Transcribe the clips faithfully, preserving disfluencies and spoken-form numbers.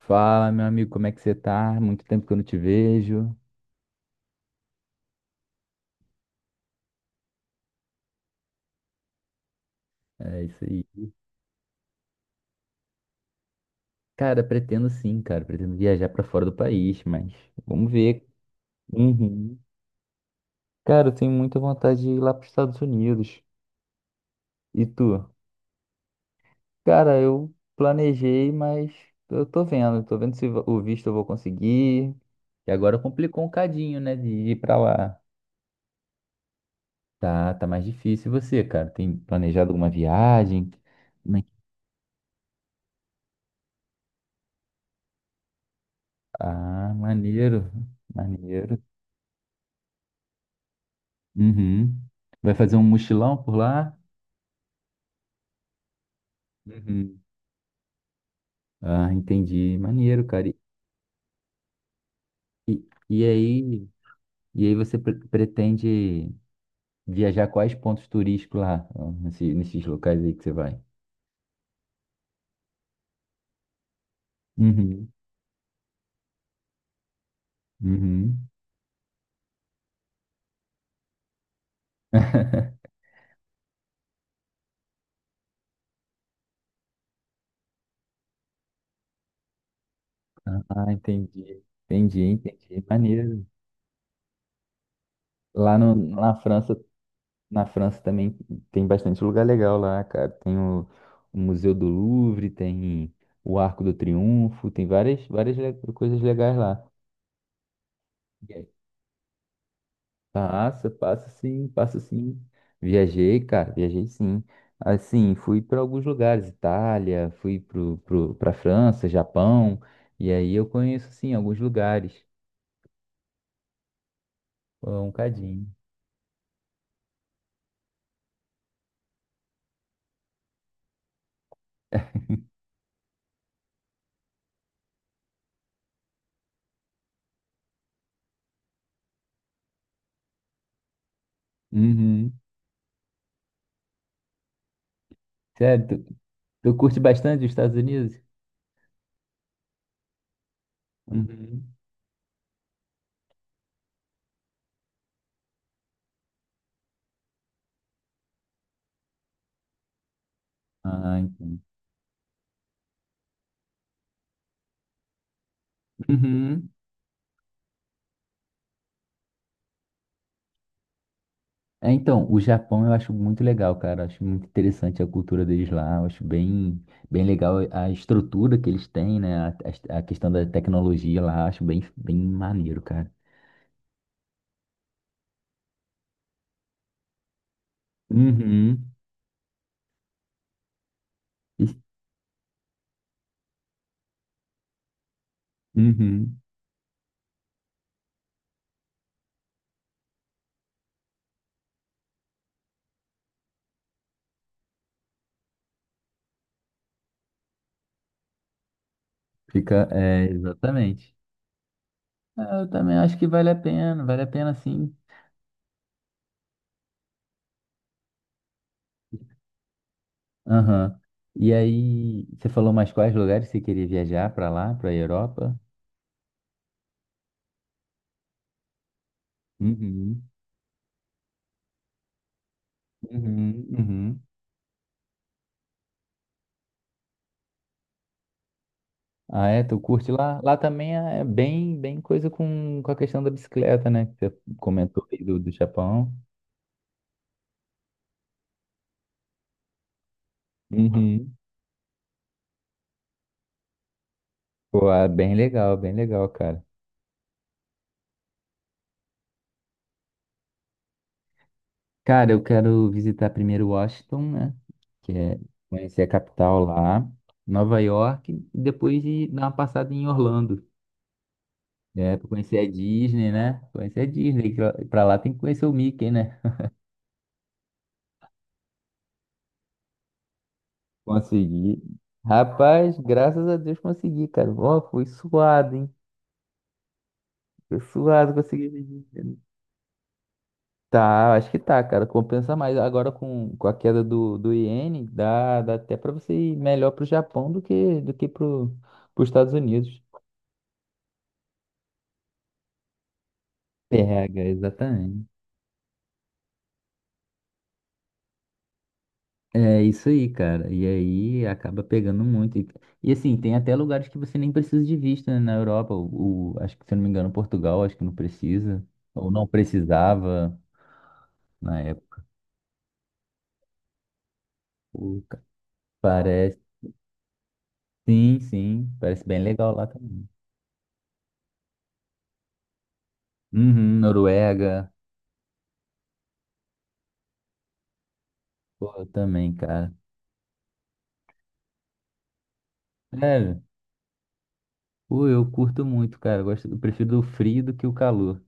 Fala, meu amigo, como é que você tá? Muito tempo que eu não te vejo. É isso aí. Cara, pretendo sim, cara. Pretendo viajar pra fora do país, mas vamos ver. Uhum. Cara, eu tenho muita vontade de ir lá pros Estados Unidos. E tu? Cara, eu planejei, mas eu tô vendo. Tô vendo se o visto eu vou conseguir. E agora complicou um cadinho, né, de ir pra lá. Tá, tá mais difícil. E você, cara? Tem planejado alguma viagem? Como é que- Ah, maneiro. Maneiro. Uhum. Vai fazer um mochilão por lá? Uhum. Ah, entendi. Maneiro, cara. E, e e aí, e aí você pre- pretende viajar quais pontos turísticos lá, ó, nesse- nesses locais aí que você vai? Uhum. Uhum. Ah, entendi. Entendi, entendi. Maneiro. Lá no, na França, na França também tem bastante lugar legal lá, cara. Tem o, o Museu do Louvre, tem o Arco do Triunfo, tem várias, várias le- coisas legais lá. Passa, passa sim, passa sim. Viajei, cara, viajei sim. Assim, fui para alguns lugares, Itália, fui pro, pro, para França, Japão, e aí eu conheço sim alguns lugares, um cadinho. Uhum. Sério, tu, tu curte bastante os Estados Unidos? Uhum. Ah, entendi. Uhum. É, então, o Japão eu acho muito legal, cara. Acho muito interessante a cultura deles lá. Eu acho bem, bem legal a estrutura que eles têm, né? A, a- a questão da tecnologia lá, acho bem, bem maneiro, cara. Uhum. E- Uhum. Fica, é, exatamente. Ah, Eu também acho que vale a pena, vale a pena sim. Aham. E aí, você falou mais quais lugares você queria viajar pra lá, pra Europa? Uhum. Uhum. Uhum. Ah, é? Tu curte lá? Lá também é bem, bem coisa com, com a questão da bicicleta, né? Que você comentou aí do, do Japão. Uhum. Pô, é bem legal, bem legal, cara. Cara, eu quero visitar primeiro Washington, né? Que é conhecer a capital lá, Nova York, e depois ir dar uma passada em Orlando. É, pra conhecer a Disney, né? Conhecer a Disney, que lá- pra lá tem que conhecer o Mickey, né? Consegui. Rapaz, graças a Deus consegui, cara. Ó, foi suado, hein? Foi suado, consegui vender. Tá, acho que tá, cara. Compensa mais. Agora com, com a queda do, do iene, dá, dá até pra você ir melhor pro Japão do que, do que pro, pros Estados Unidos. Pega, exatamente. É isso aí, cara. E aí acaba pegando muito. E, e assim, tem até lugares que você nem precisa de visto, né? Na Europa, o, o- acho que se eu não me engano, Portugal, acho que não precisa. Ou não precisava na época. Parece, sim, sim. Parece bem legal lá também. Uhum, Noruega. Pô, eu também, cara. Sério. Pô, eu curto muito, cara. Eu gosto, eu prefiro o frio do que o calor.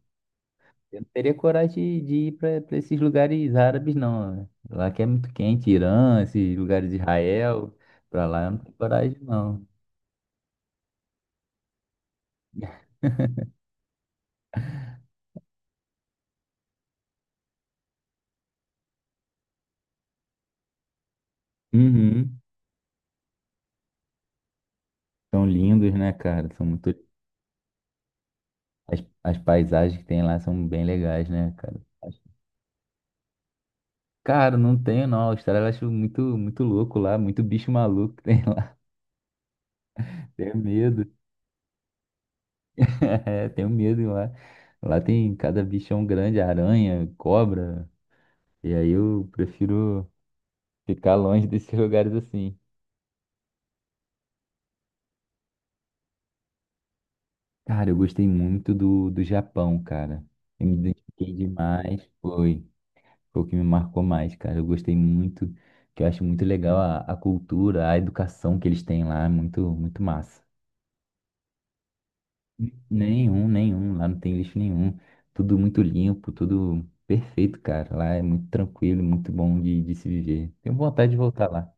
Eu não teria coragem de, de ir pra pra esses lugares árabes, não, né? Lá que é muito quente, Irã, esses lugares de Israel. Pra lá eu não tenho coragem, não. Uhum. São lindos, né, cara? São muito. As, as paisagens que tem lá são bem legais, né, cara? Acho- Cara, não tenho, não. A Austrália eu acho muito, muito louco lá, muito bicho maluco que tem lá. Tenho medo. É, tenho medo lá. Lá tem cada bichão grande, aranha, cobra. E aí eu prefiro ficar longe desses lugares assim. Cara, eu gostei muito do, do Japão, cara. Eu me identifiquei demais. Foi, foi o que me marcou mais, cara. Eu gostei muito, que eu acho muito legal a, a cultura, a educação que eles têm lá. É muito, muito massa. Nenhum, nenhum. Lá não tem lixo nenhum. Tudo muito limpo, tudo perfeito, cara. Lá é muito tranquilo, muito bom de, de se viver. Tenho vontade de voltar lá.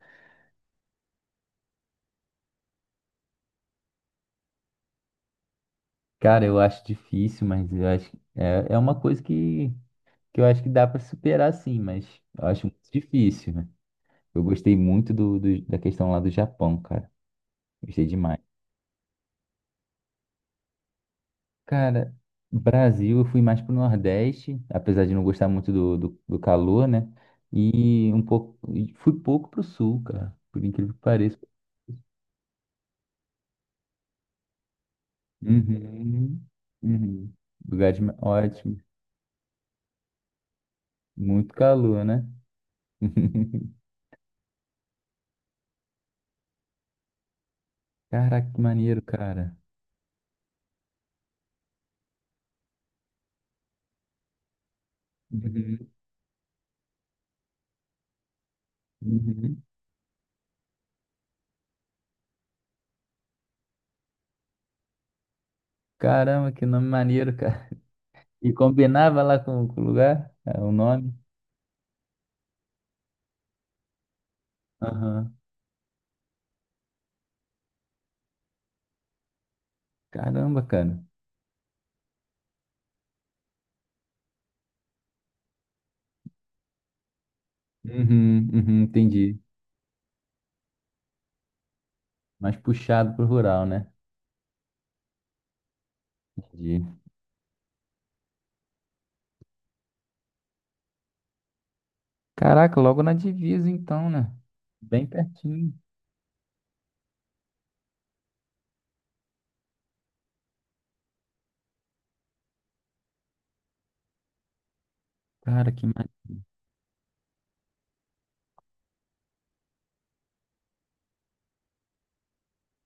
Cara, eu acho difícil, mas eu acho que é, é uma coisa que, que eu acho que dá para superar sim, mas eu acho muito difícil, né? Eu gostei muito do, do- da questão lá do Japão, cara. Gostei demais. Cara, Brasil, eu fui mais pro Nordeste, apesar de não gostar muito do, do, do calor, né? E um pouco, e fui pouco pro Sul, cara, por incrível que pareça. Uhum, uhum. Lugares ma- ótimos, muito calor, né? Caraca, que maneiro, cara. Uhum, uhum. Caramba, que nome maneiro, cara. E combinava lá com, com o lugar, é, o nome. Aham. Caramba, cara. Uhum, uhum, entendi. Mais puxado pro rural, né? Entendi. Caraca, logo na divisa então, né? Bem pertinho. Cara, que ma...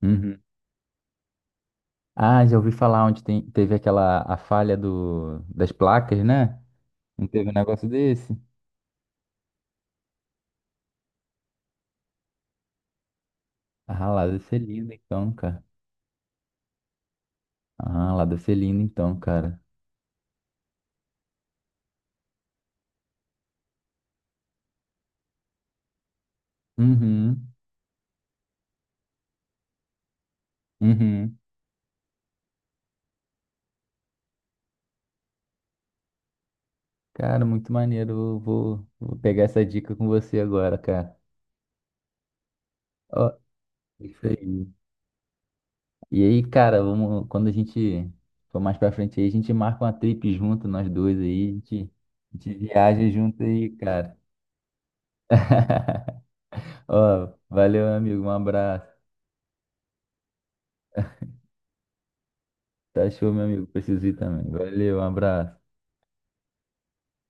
Uhum. Ah, já ouvi falar onde tem- teve aquela a falha do, das placas, né? Não teve um negócio desse? Ah, lá deve ser lindo então, cara. Ah, lá deve ser lindo então, cara. Uhum, uhum. Cara, muito maneiro. Eu Vou, vou pegar essa dica com você agora, cara. Ó, isso aí. E aí, cara, vamos, quando a gente for mais pra frente aí, a gente marca uma trip junto, nós dois aí, a gente, a gente viaja junto aí, cara. Ó, valeu, meu amigo, um abraço. Tá show, meu amigo, preciso ir também. Valeu, um abraço.